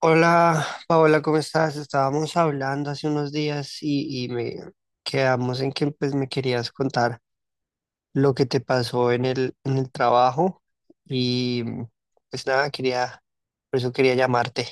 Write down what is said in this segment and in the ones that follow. Hola, Paola, ¿cómo estás? Estábamos hablando hace unos días y me quedamos en que pues, me querías contar lo que te pasó en el trabajo y pues nada, por eso quería llamarte.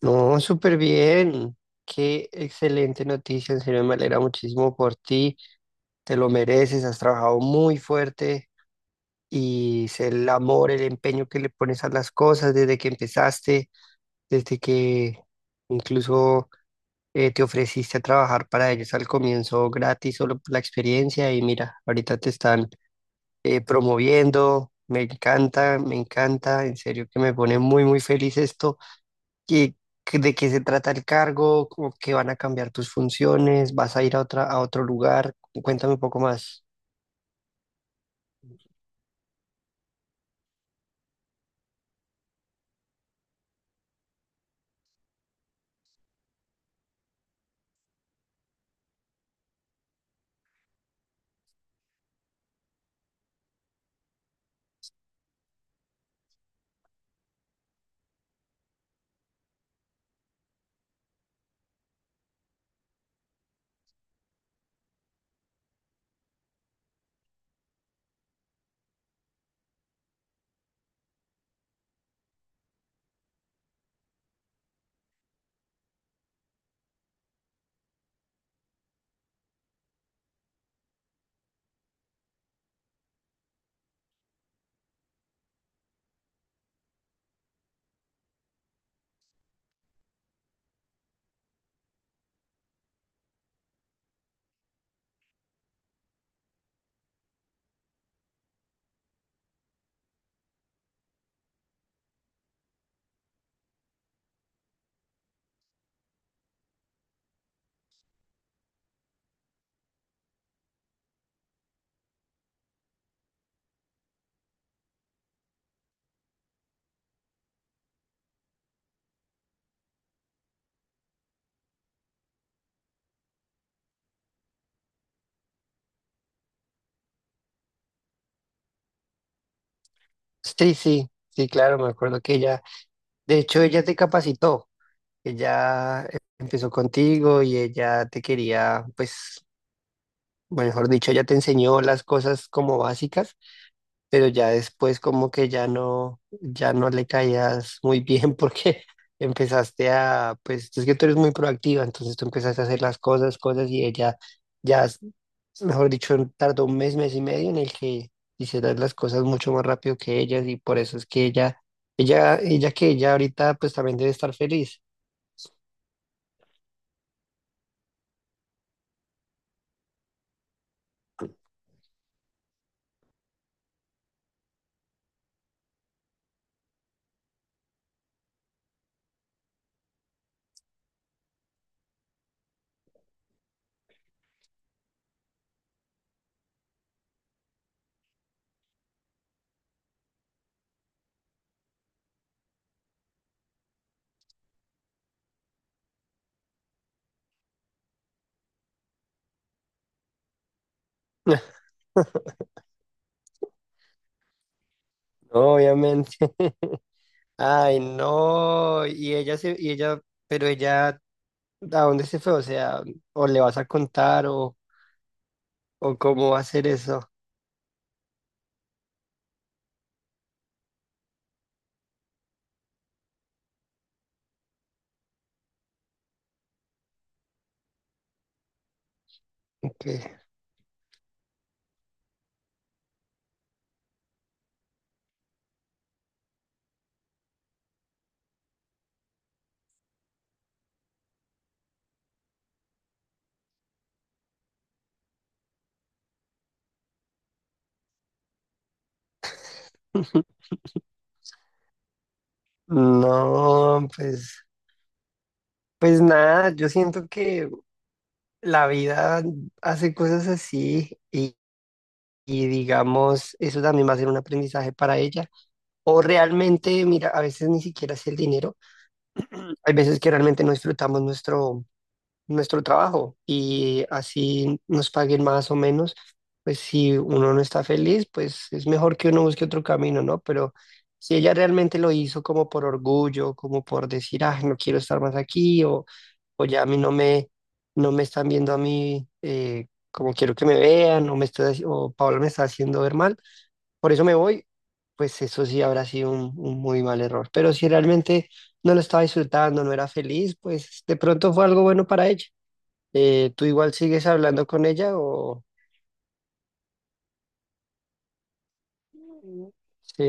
No, súper bien, qué excelente noticia, en serio me alegra muchísimo por ti, te lo mereces, has trabajado muy fuerte y sé el amor, el empeño que le pones a las cosas desde que empezaste, desde que incluso te ofreciste a trabajar para ellos al comienzo gratis solo por la experiencia y mira, ahorita te están promoviendo, me encanta, en serio que me pone muy, muy feliz esto. ¿Y de qué se trata el cargo? ¿Cómo que van a cambiar tus funciones? ¿Vas a ir a otra, a otro lugar? Cuéntame un poco más. Sí, sí, sí, claro, me acuerdo que ella, de hecho, ella te capacitó, ella empezó contigo y ella te quería, pues mejor dicho, ya te enseñó las cosas como básicas, pero ya después como que ya no, ya no le caías muy bien porque empezaste pues es que tú eres muy proactiva, entonces tú empezaste a hacer las cosas, cosas y ella ya, mejor dicho, tardó un mes, mes y medio en el que hicieras las cosas mucho más rápido que ellas y por eso es que ella, ella que ella ahorita pues también debe estar feliz. Obviamente. Ay, no. Y ella se, y ella, pero ella ¿a dónde se fue? O sea, o le vas a contar o cómo va a ser eso. Que No, pues, pues nada, yo siento que la vida hace cosas así y digamos, eso también va a ser un aprendizaje para ella. O realmente, mira, a veces ni siquiera es el dinero, hay veces que realmente no disfrutamos nuestro, nuestro trabajo y así nos paguen más o menos, pues si uno no está feliz, pues es mejor que uno busque otro camino, ¿no? Pero si ella realmente lo hizo como por orgullo, como por decir, ah, no quiero estar más aquí o ya a mí no me, no me están viendo a mí como quiero que me vean o, me está, o Paola me está haciendo ver mal, por eso me voy, pues eso sí habrá sido un muy mal error. Pero si realmente... no lo estaba disfrutando, no era feliz, pues de pronto fue algo bueno para ella. ¿Tú igual sigues hablando con ella o...? Sí,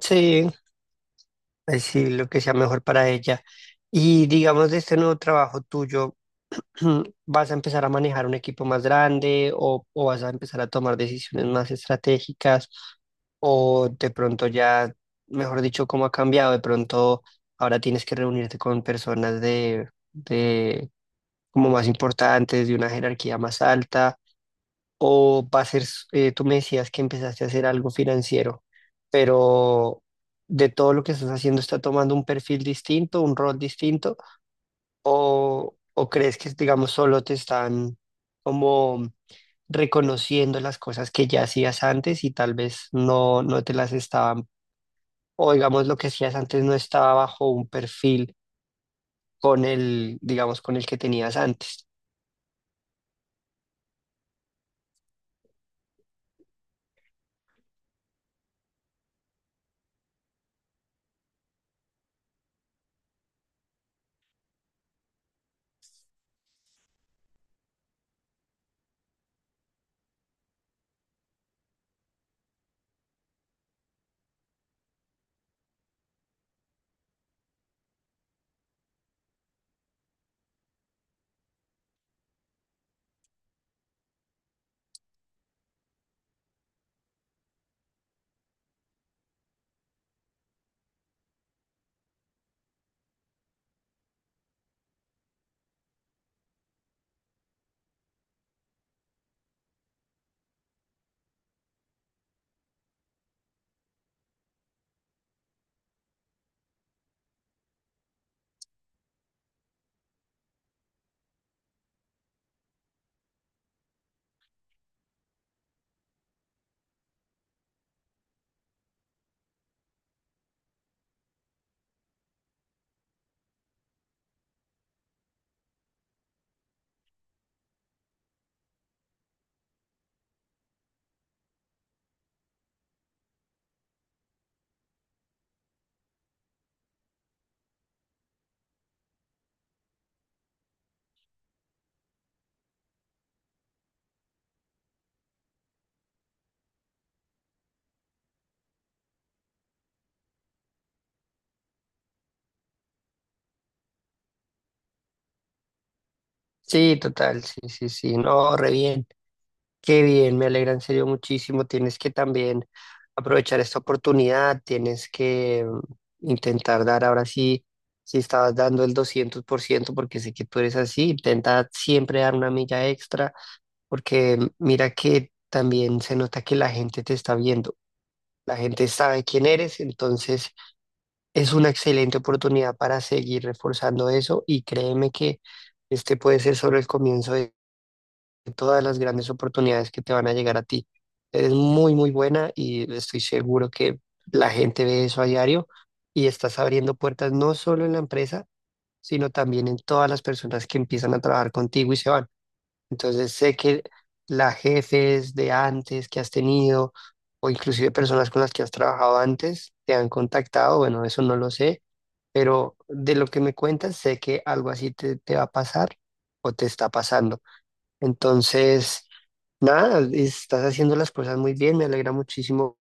sí, pues sí, lo que sea mejor para ella. Y digamos, de este nuevo trabajo tuyo, ¿vas a empezar a manejar un equipo más grande o vas a empezar a tomar decisiones más estratégicas? O de pronto ya, mejor dicho, cómo ha cambiado, de pronto ahora tienes que reunirte con personas de como más importantes, de una jerarquía más alta. O para hacer, tú me decías que empezaste a hacer algo financiero, pero de todo lo que estás haciendo está tomando un perfil distinto, un rol distinto, o crees que, digamos, solo te están como reconociendo las cosas que ya hacías antes y tal vez no te las estaban, o digamos, lo que hacías antes no estaba bajo un perfil con el, digamos, con el que tenías antes. Sí, total, sí, sí, sí, no, re bien. Qué bien, me alegra en serio muchísimo. Tienes que también aprovechar esta oportunidad, tienes que intentar dar ahora sí, si estabas dando el 200%, porque sé que tú eres así, intenta siempre dar una milla extra, porque mira que también se nota que la gente te está viendo, la gente sabe quién eres, entonces es una excelente oportunidad para seguir reforzando eso y créeme que este puede ser solo el comienzo de todas las grandes oportunidades que te van a llegar a ti. Eres muy, muy buena y estoy seguro que la gente ve eso a diario y estás abriendo puertas no solo en la empresa, sino también en todas las personas que empiezan a trabajar contigo y se van. Entonces sé que las jefes de antes que has tenido o inclusive personas con las que has trabajado antes te han contactado, bueno, eso no lo sé, pero de lo que me cuentas sé que algo así te, te va a pasar o te está pasando. Entonces... nada, estás haciendo las cosas muy bien, me alegra muchísimo